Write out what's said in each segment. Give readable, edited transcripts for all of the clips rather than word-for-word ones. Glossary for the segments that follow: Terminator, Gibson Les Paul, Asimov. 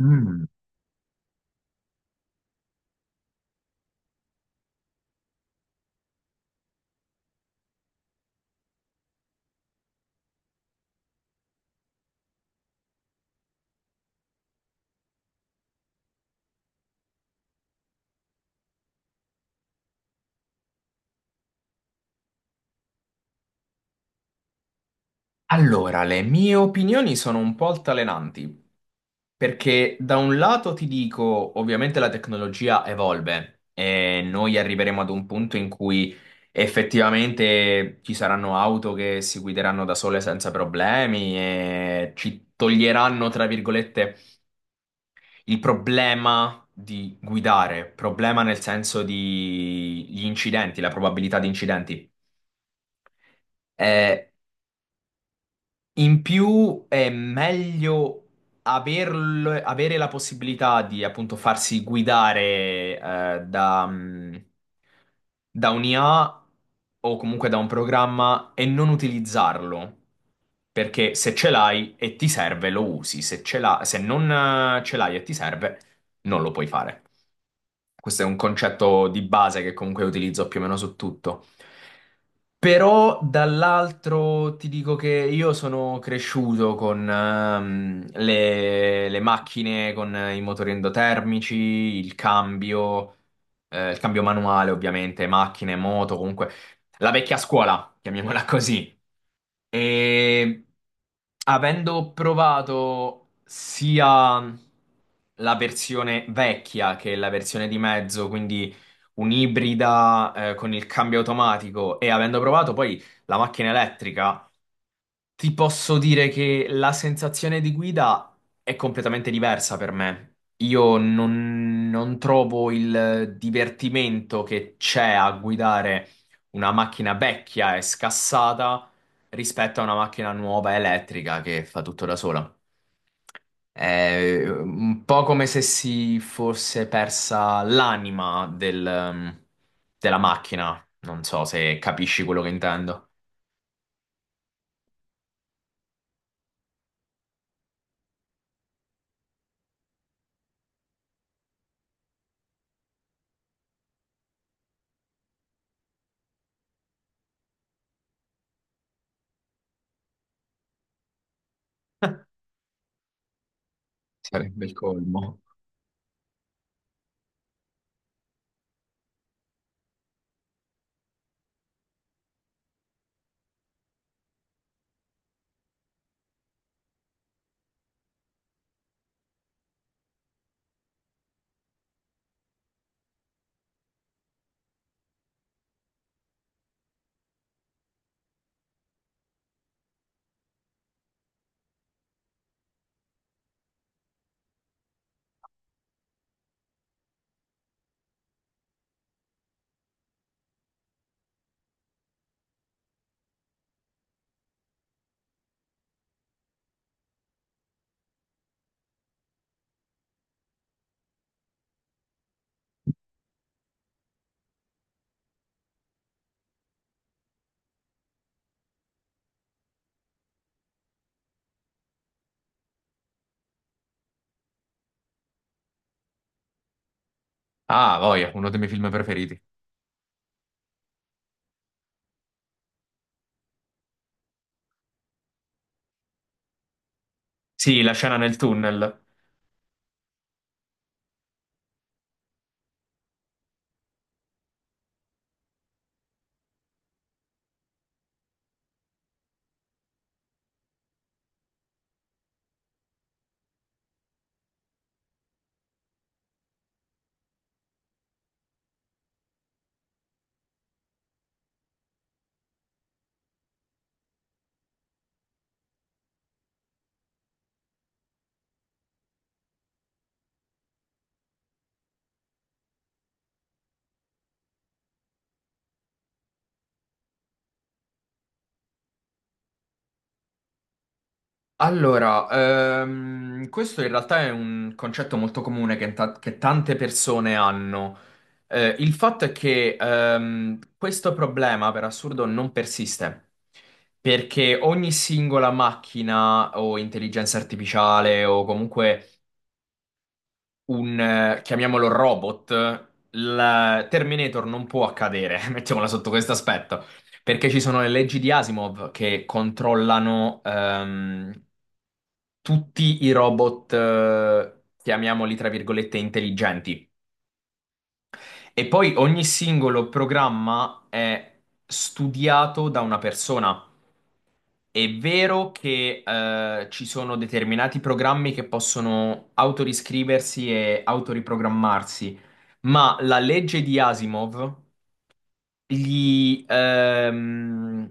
Mm. Allora, le mie opinioni sono un po' altalenanti, perché da un lato ti dico, ovviamente la tecnologia evolve e noi arriveremo ad un punto in cui effettivamente ci saranno auto che si guideranno da sole senza problemi e ci toglieranno, tra virgolette, il problema di guidare, problema nel senso di gli incidenti, la probabilità di incidenti. Eh, In più è meglio avere la possibilità di appunto farsi guidare eh, da, mm, da un'IA o comunque da un programma e non utilizzarlo. Perché se ce l'hai e ti serve, lo usi. Se non ce l'hai e ti serve, non lo puoi fare. Questo è un concetto di base che comunque utilizzo più o meno su tutto. Però dall'altro ti dico che io sono cresciuto con le macchine, con i motori endotermici, il cambio manuale ovviamente, macchine, moto, comunque la vecchia scuola, chiamiamola così. E avendo provato sia la versione vecchia che la versione di mezzo, quindi un'ibrida con il cambio automatico e avendo provato poi la macchina elettrica ti posso dire che la sensazione di guida è completamente diversa per me. Io non, Non trovo il divertimento che c'è a guidare una macchina vecchia e scassata rispetto a una macchina nuova elettrica che fa tutto da sola. È un po' come se si fosse persa l'anima della macchina. Non so se capisci quello che intendo. Sarebbe il colmo. Ah, voglia, uno dei miei film preferiti. Sì, la scena nel tunnel. Allora, questo in realtà è un concetto molto comune che tante persone hanno. Il fatto è che questo problema, per assurdo, non persiste. Perché ogni singola macchina o intelligenza artificiale o comunque chiamiamolo robot, il Terminator non può accadere, mettiamola sotto questo aspetto, perché ci sono le leggi di Asimov che controllano tutti i robot, chiamiamoli tra virgolette, intelligenti. E poi ogni singolo programma è studiato da una persona. È vero che ci sono determinati programmi che possono autoriscriversi e autoriprogrammarsi, ma la legge di Asimov gli, ehm,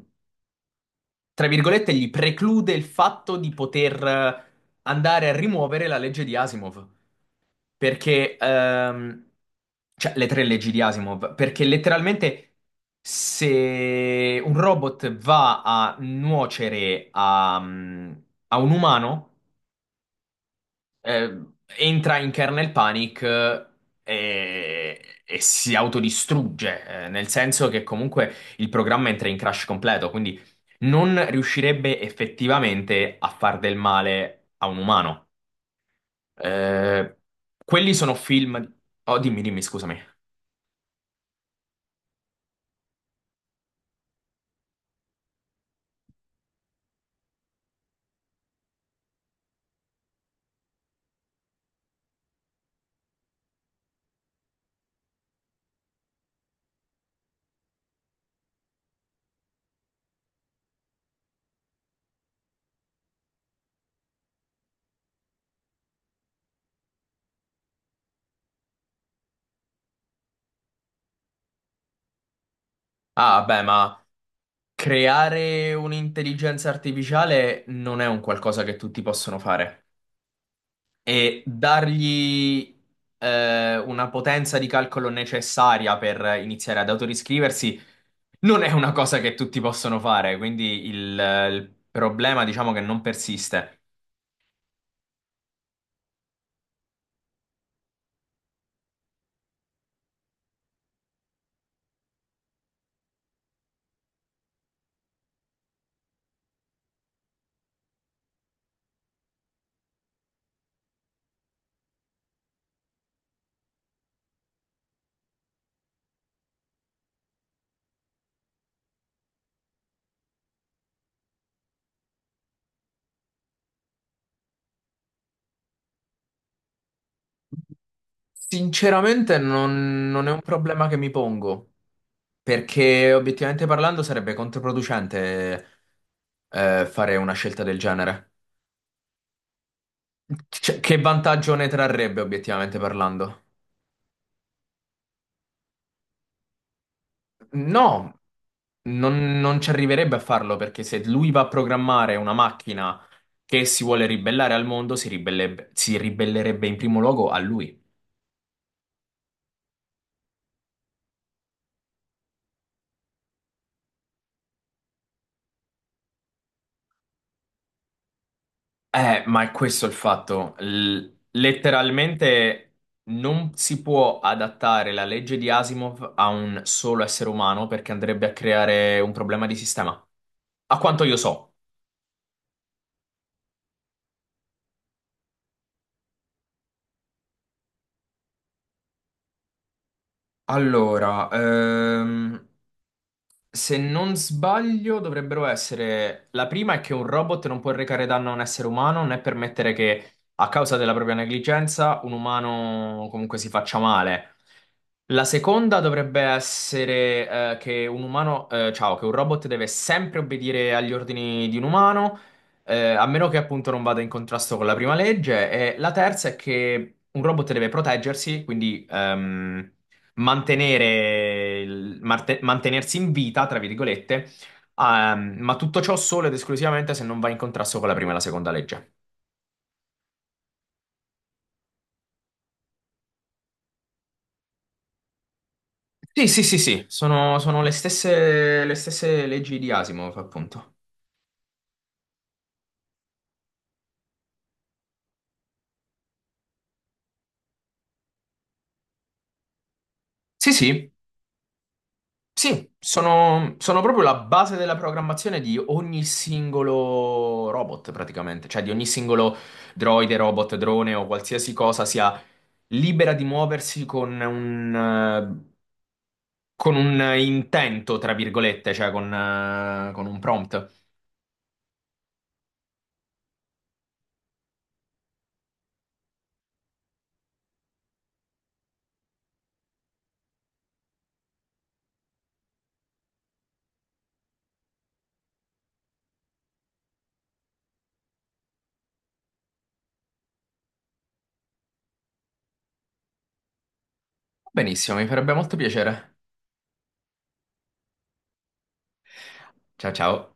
tra virgolette, gli preclude il fatto di poter andare a rimuovere la legge di Asimov. Perché, ehm, cioè, le tre leggi di Asimov, perché letteralmente se un robot va a nuocere a un umano, eh, entra in kernel panic e si autodistrugge, nel senso che comunque il programma entra in crash completo, quindi non riuscirebbe effettivamente a far del male a un umano. Eh, quelli sono film. Oh, dimmi, dimmi, scusami. Ah, beh, ma creare un'intelligenza artificiale non è un qualcosa che tutti possono fare. E dargli una potenza di calcolo necessaria per iniziare ad autoriscriversi non è una cosa che tutti possono fare. Quindi il problema, diciamo che non persiste. Sinceramente, non non è un problema che mi pongo. Perché obiettivamente parlando sarebbe controproducente fare una scelta del genere. Cioè, che vantaggio ne trarrebbe obiettivamente parlando? No, non ci arriverebbe a farlo perché se lui va a programmare una macchina che si vuole ribellare al mondo, si ribellerebbe in primo luogo a lui. Ma è questo il fatto. Letteralmente non si può adattare la legge di Asimov a un solo essere umano perché andrebbe a creare un problema di sistema. A quanto io so. Allora, Se non sbaglio, dovrebbero essere. La prima è che un robot non può recare danno a un essere umano, né permettere che, a causa della propria negligenza, un umano comunque si faccia male. La seconda dovrebbe essere, che un umano, ciao, che un robot deve sempre obbedire agli ordini di un umano, a meno che appunto non vada in contrasto con la prima legge. E la terza è che un robot deve proteggersi, quindi, mantenersi in vita, tra virgolette, ma tutto ciò solo ed esclusivamente se non va in contrasto con la prima e la seconda legge. Sì, sì, sì, sì, sono, sono le stesse leggi di Asimov, appunto. Sì, sì, sì, sono, sono proprio la base della programmazione di ogni singolo robot, praticamente, cioè di ogni singolo droide, robot, drone o qualsiasi cosa sia libera di muoversi eh, con un intento, tra virgolette, cioè con un prompt. Benissimo, mi farebbe molto piacere. Ciao ciao.